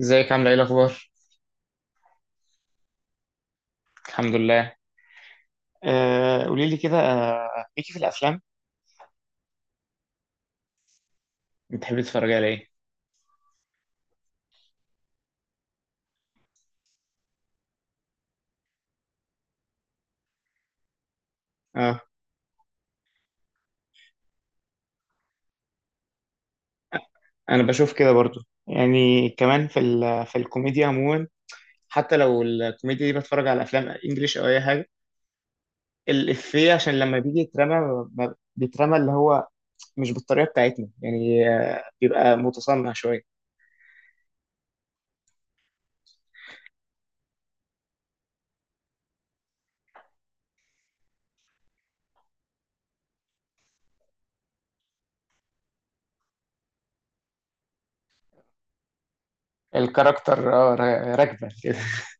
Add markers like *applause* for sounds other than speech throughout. ازيك، عامله ايه الاخبار؟ الحمد لله. قولي لي كده، ليكي في الافلام؟ بتحبي تتفرجي على ايه؟ اه، انا بشوف كده برضو. يعني كمان في ال في الكوميديا عموما، حتى لو الكوميديا دي بتفرج على افلام انجليش او اي حاجه. الافيه عشان لما بيجي يترمى، بيترمى اللي هو مش بالطريقه بتاعتنا، يعني بيبقى متصنع شويه. الكاركتر اه، راكبه كده *laughs*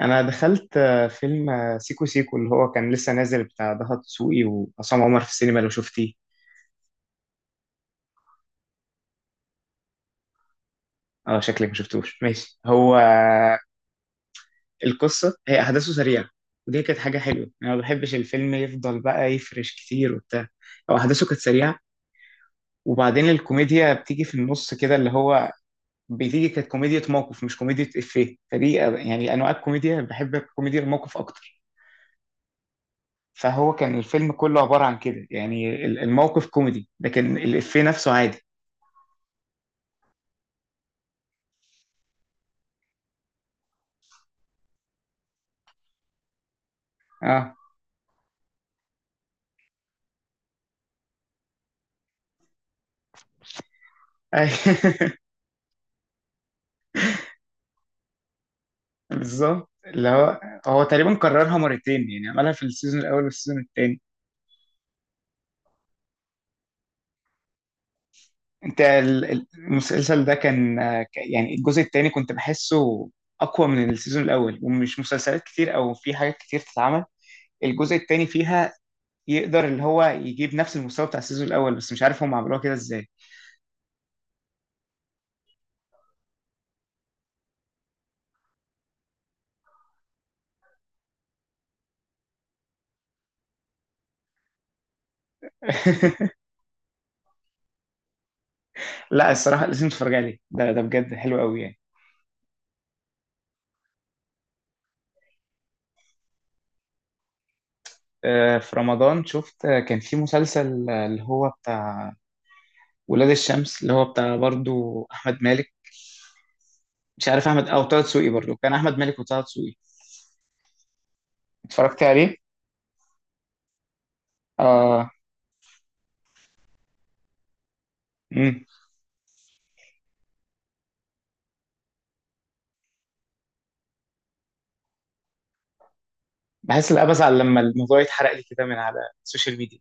انا دخلت فيلم سيكو سيكو، اللي هو كان لسه نازل، بتاع ضهر دسوقي وعصام عمر، في السينما، لو شفتيه؟ اه، شكلك ما شفتوش. ماشي. هو القصه، هي احداثه سريعه، ودي كانت حاجه حلوه، يعني انا ما بحبش الفيلم يفضل بقى يفرش كتير وبتاع. هو احداثه كانت سريعه، وبعدين الكوميديا بتيجي في النص كده اللي هو كانت كوميديا موقف مش كوميديا افيه، فدي يعني انواع الكوميديا، بحب كوميديا الموقف اكتر. فهو كان الفيلم كله عباره عن كده، يعني الموقف كوميدي لكن الافيه نفسه عادي. اه. أي- *laughs* بالظبط. اللي هو هو تقريبا كررها مرتين، يعني عملها في السيزون الاول والسيزون الثاني. انت، المسلسل ده كان يعني الجزء الثاني كنت بحسه اقوى من السيزون الاول، ومش مسلسلات كتير او في حاجات كتير تتعمل الجزء الثاني فيها، يقدر اللي هو يجيب نفس المستوى بتاع السيزون الاول، بس مش عارف هم عملوها كده ازاي. *laughs* لا، الصراحه لازم تتفرج عليه، ده بجد حلو قوي يعني. في رمضان شفت كان في مسلسل اللي هو بتاع ولاد الشمس، اللي هو بتاع برضو احمد مالك. مش عارف، احمد او طه دسوقي، برضو كان احمد مالك وطه دسوقي. اتفرجت عليه. اه. امم بحس. لا، بزعل لما الموضوع يتحرق لي كده من على السوشيال ميديا،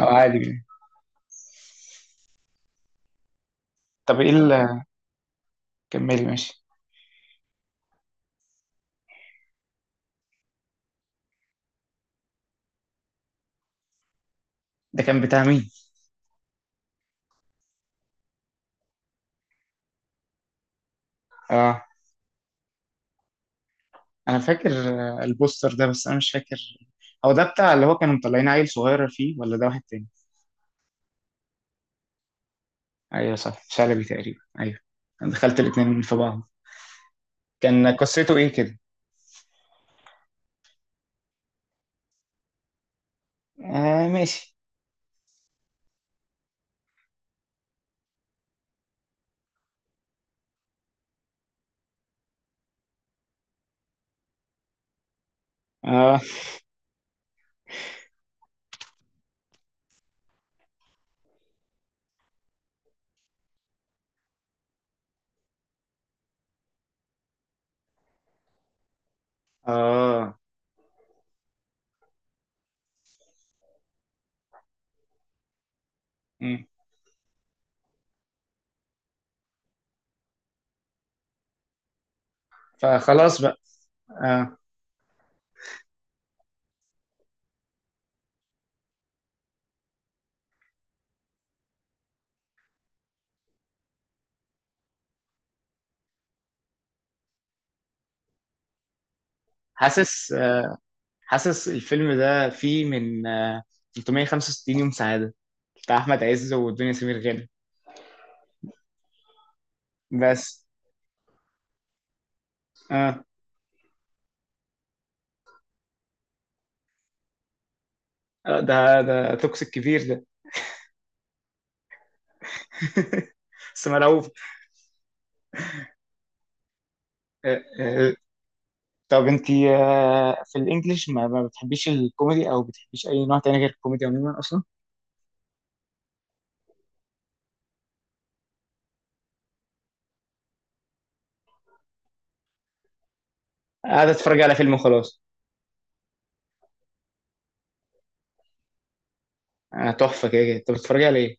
او عادي يعني. طب ايه اللي، كملي. ماشي. ده كان بتاع مين؟ اه، انا فاكر البوستر ده، بس انا مش فاكر هو ده بتاع اللي هو كانوا مطلعين عيل صغير فيه، ولا ده واحد تاني؟ ايوه صح، شلبي تقريبا. ايوه. انا دخلت الاتنين في بعض. كان قصته ايه كده؟ آه، ماشي. اه. اه. مم. فخلاص بقى. آه. حاسس حاسس الفيلم ده فيه من 365 يوم سعادة بتاع أحمد عز والدنيا سمير غانم، بس. آه ده توكسيك كبير ده. *laughs* بس مرعوب. آه، آه، طب انت في الانجليش، ما بتحبيش الكوميدي، او بتحبيش اي نوع تاني غير الكوميدي عموما اصلا؟ قاعدة اتفرج على فيلم وخلاص. تحفة كده كده. طب بتتفرجي على ايه؟ ما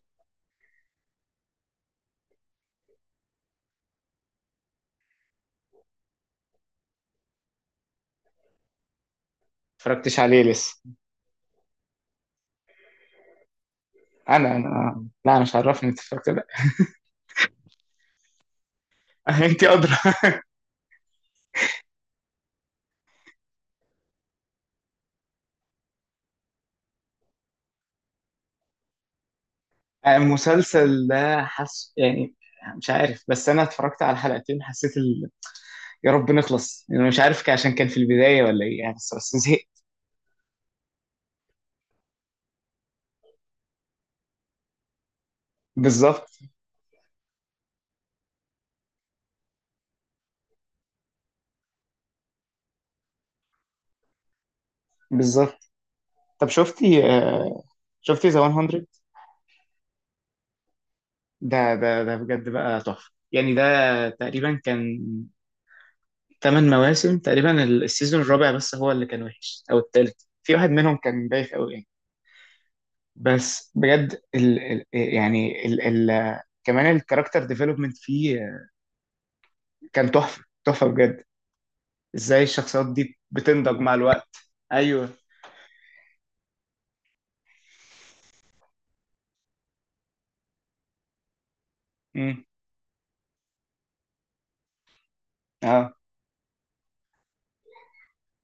اتفرجتش عليه لسه؟ انا لا، مش عرفني انت اتفرجت ولا. لا، *laughs* انت ادرى. المسلسل ده حس يعني، مش عارف، بس انا اتفرجت على حلقتين حسيت ال... يا رب نخلص. انا مش عارف، عشان كان في البدايه ولا ايه يعني. بس زهقت. بالظبط. بالظبط. طب شفتي شفتي ذا 100؟ ده بجد بقى تحفه، يعني ده تقريبا كان ثمان مواسم تقريبا، السيزون الرابع بس هو اللي كان وحش، او الثالث، في واحد منهم كان بايخ قوي يعني. بس بجد يعني كمان الكاركتر ديفلوبمنت فيه، كان تحفه تحفه بجد. ازاي الشخصيات دي بتنضج مع الوقت. ايوه. امم. اه،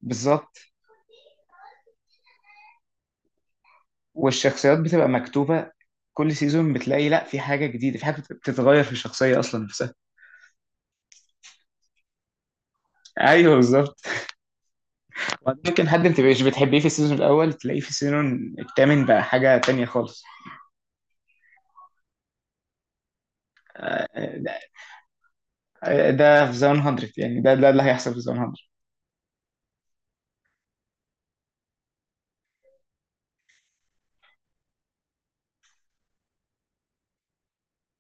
بالظبط. والشخصيات بتبقى مكتوبة. كل سيزون بتلاقي، لا، في حاجة جديدة، في حاجة بتتغير في الشخصية أصلا نفسها. ايوه، بالظبط. وبعدين ممكن حد ما تبقاش بتحبيه في السيزون الأول، تلاقيه في السيزون الثامن بقى حاجة تانية خالص. ده ده في زون 100 يعني، ده اللي هيحصل في زون 100.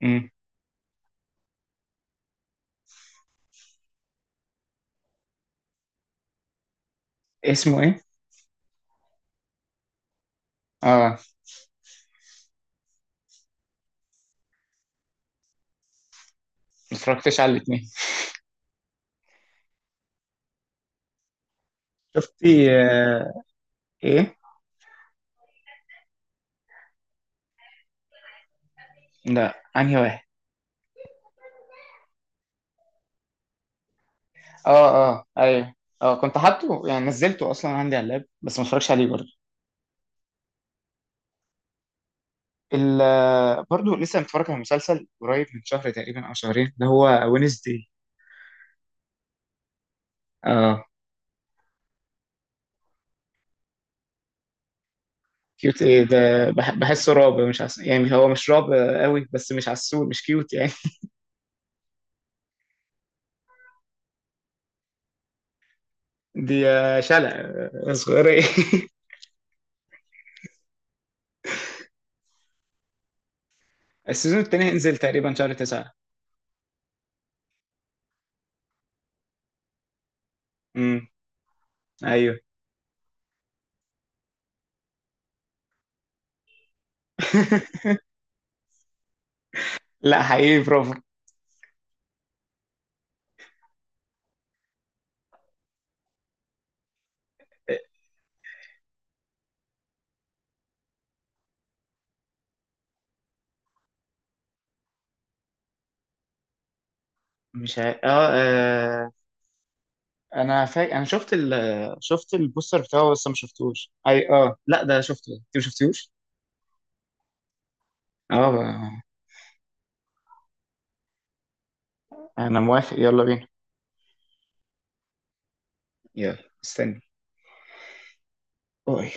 امم. اسمه ايه؟ اه، ما اتفرجتش على الاثنين. شفتي ايه؟ لا، انهي واحد؟ اه، اه، ايوه. اه، كنت حاطه يعني، نزلته اصلا عندي على اللاب، بس ما اتفرجش عليه برضه. برضه لسه متفرج على مسلسل قريب من شهر تقريبا او شهرين، ده هو وينزداي. اه، كيوت ايه ده؟ بحسه رعب، مش يعني هو مش رعب قوي، بس مش عسول مش كيوت يعني. *laughs* دي شلة صغيرة. *laughs* السيزون التاني هينزل تقريبا شهر تسعة. امم. ايوه. *laughs* لا، حقيقي برافو. مش اه, آه انا شفت ال شفت البوستر بتاعه، بس ما شفتوش اي. اه، لا، ده شفته. انت ما شفتوش. اه، انا موافق، يلا بينا. يلا استني. أوي.